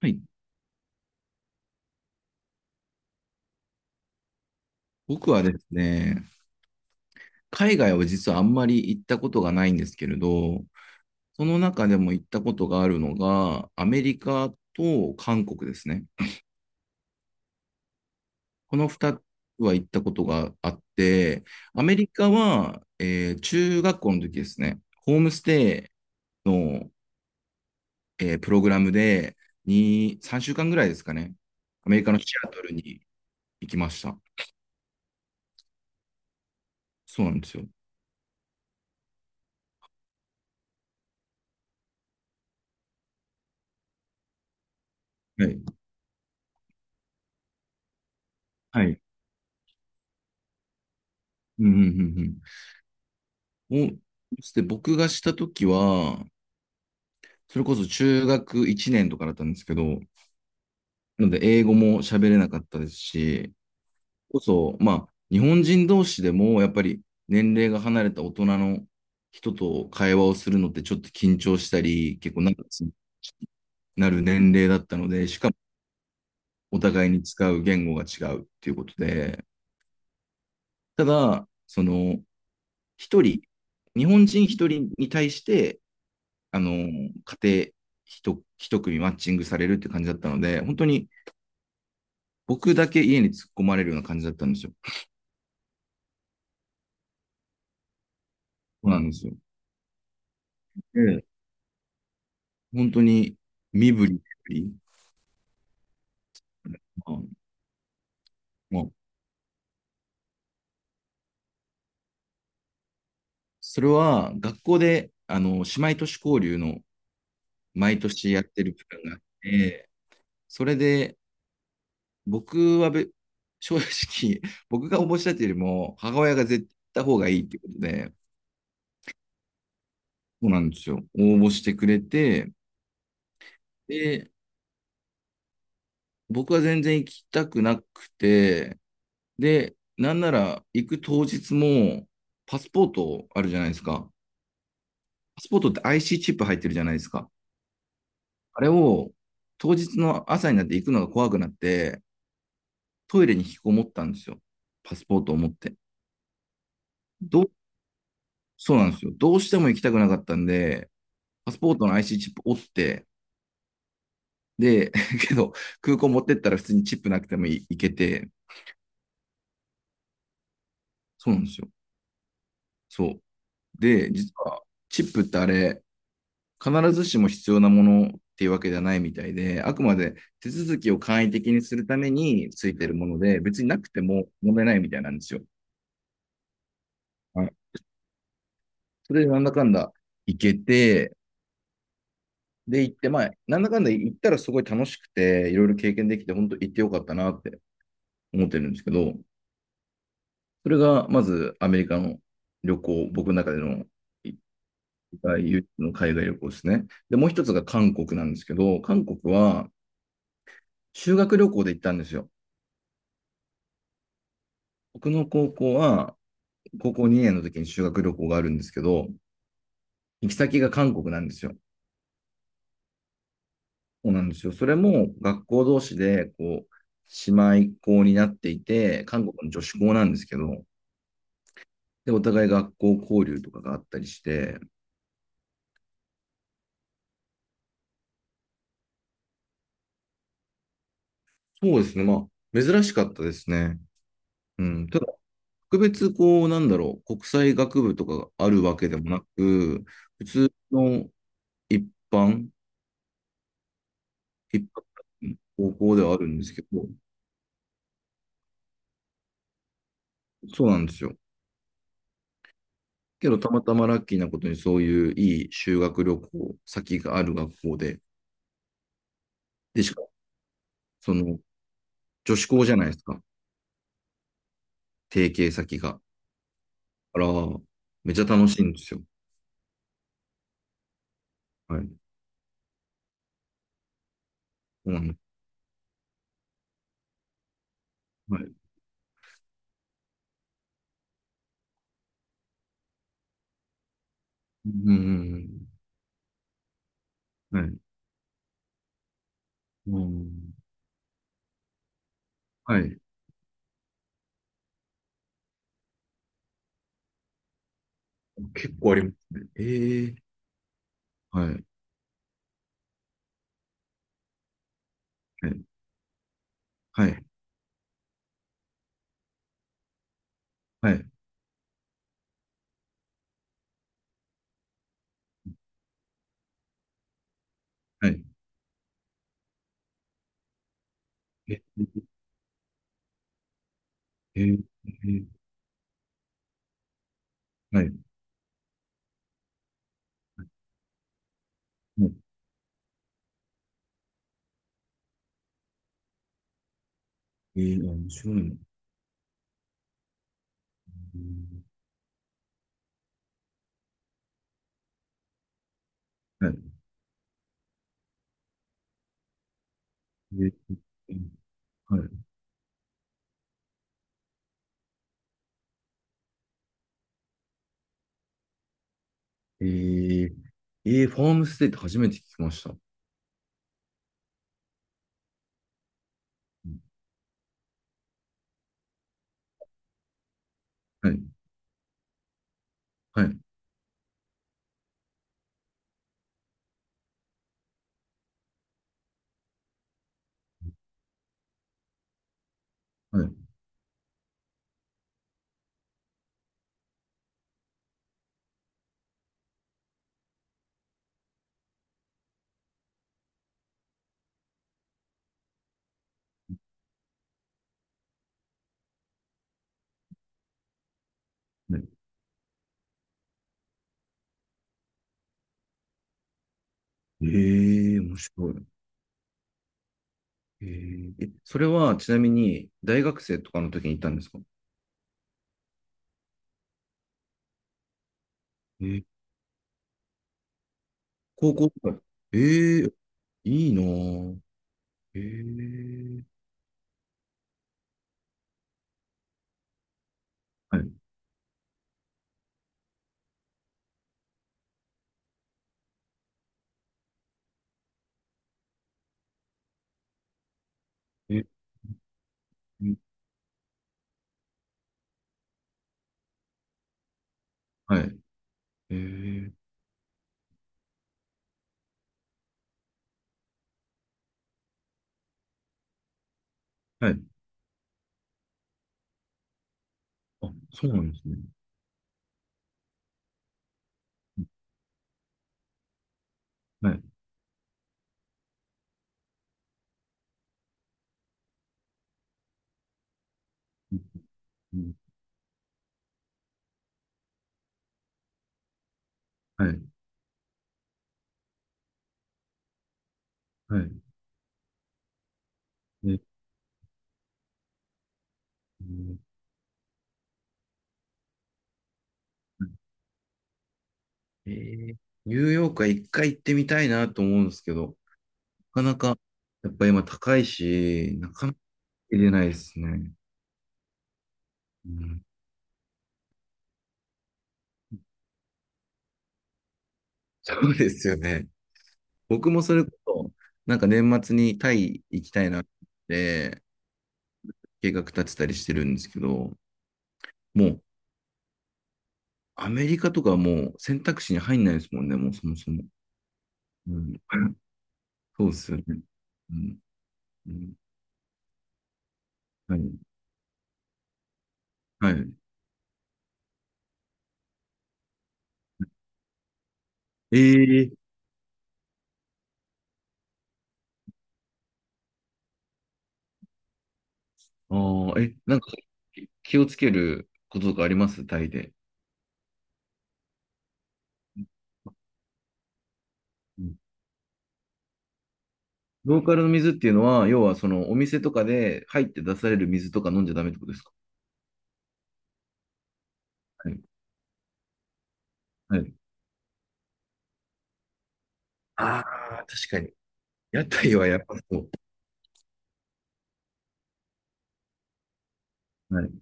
はい。僕はですね、海外は実はあんまり行ったことがないんですけれど、その中でも行ったことがあるのが、アメリカと韓国ですね。この2つは行ったことがあって、アメリカは、中学校の時ですね、ホームステイの、プログラムで2、3週間ぐらいですかね、アメリカのシアトルに行きました。そうなんですよ。はい。はい。うんうんうんうん。おで僕がしたときは、それこそ中学1年とかだったんですけど、なので英語も喋れなかったですし、まあ、日本人同士でも、やっぱり年齢が離れた大人の人と会話をするのってちょっと緊張したり、結構長くなる年齢だったので、しかもお互いに使う言語が違うっていうことで、ただ、一人、日本人一人に対して、家庭一組マッチングされるって感じだったので、本当に僕だけ家に突っ込まれるような感じだったんですよ。そうなんですよ。で、本当に身振り手振り。まあそれは学校で、姉妹都市交流の毎年やってるプランがあって、それで僕は正直、僕が応募したっていうよりも、母親が絶対行った方がいいってことで、そうなんですよ。応募してくれて、で、僕は全然行きたくなくて、で、なんなら行く当日も、パスポートあるじゃないですか。パスポートって IC チップ入ってるじゃないですか。あれを当日の朝になって行くのが怖くなって、トイレに引きこもったんですよ。パスポートを持って。どう、そうなんですよ。どうしても行きたくなかったんで、パスポートの IC チップ折って、で、けど、空港持ってったら普通にチップなくても行けて、そうなんですよ。そう。で、実は、チップってあれ、必ずしも必要なものっていうわけではないみたいで、あくまで手続きを簡易的にするためについてるもので、別になくても問題ないみたいなんですよ。はい、それでなんだかんだ行けて、で行って、まあ、なんだかんだ行ったらすごい楽しくて、いろいろ経験できて、本当行ってよかったなって思ってるんですけど、それがまずアメリカの旅行、僕の中での唯一の海外旅行ですね。で、もう一つが韓国なんですけど、韓国は修学旅行で行ったんですよ。僕の高校は高校2年の時に修学旅行があるんですけど、行き先が韓国なんですよ。そうなんですよ。それも学校同士で、姉妹校になっていて、韓国の女子校なんですけど、で、お互い学校交流とかがあったりして、そうですね。まあ、珍しかったですね。うん。ただ、特別、なんだろう、国際学部とかがあるわけでもなく、普通の一般、一般高校ではあるんですけど、そうなんですよ。けど、たまたまラッキーなことにそういういい修学旅行先がある学校で、で、しかも、その、女子校じゃないですか、提携先が。あら、めっちゃ楽しいんですよ。はい。そうなの、はい。うん。はい。うん。はい。結構ありますね。ええ、はい。はい。はい。はい。はい、え、え、え、え、はい。もう、ええ、あ、面白いの。うん、はい。ええ、はい。ええ、えー、ファームステイって初めて聞きました。はい、はい、はい。はい、えー、面白い。えー、え、それはちなみに大学生とかの時に行ったんですか？えー、高校とか。ええー、いいなぁ。ええ、はい。えー、はい。えー、はい。あ、そうなんですね。はい。うん、はい。はい。えー、うん、えー、ニューヨークは一回行ってみたいなと思うんですけど、なかなか、やっぱ今高いし、なかな入れないですね。うん、そうですよね。僕もそれこそ、なんか年末にタイ行きたいなって計画立てたりしてるんですけど、もうアメリカとかはもう選択肢に入んないですもんね、もうそもそも。うん、そうですよね。うん、うん、はい。はい。ええ、あ、あ、え、なんか気をつけることとかありますタイで？うん、ローカルの水っていうのは、要はそのお店とかで入って出される水とか飲んじゃダメってことですか？はい、はい。ああ、確かに。屋台はやっぱそう。はい。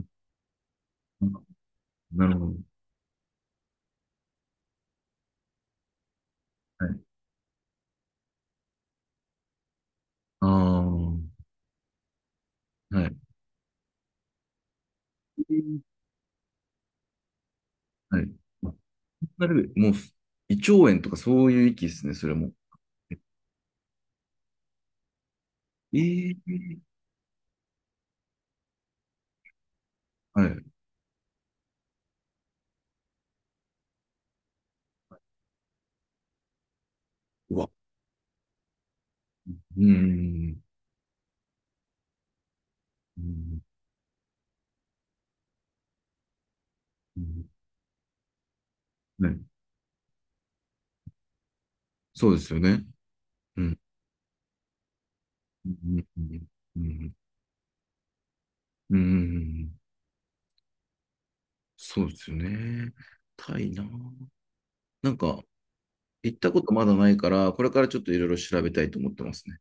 あ、なるほど。はい。ああ、はい。はい。なる、もう、胃腸炎とかそういう域ですね、それも。ええ、はい。うわ。うん。うん。うん、ね。そうですよね。うん。うん。うん。うん。そうですよね。タイな。なんか、行ったことまだないから、これからちょっといろいろ調べたいと思ってますね。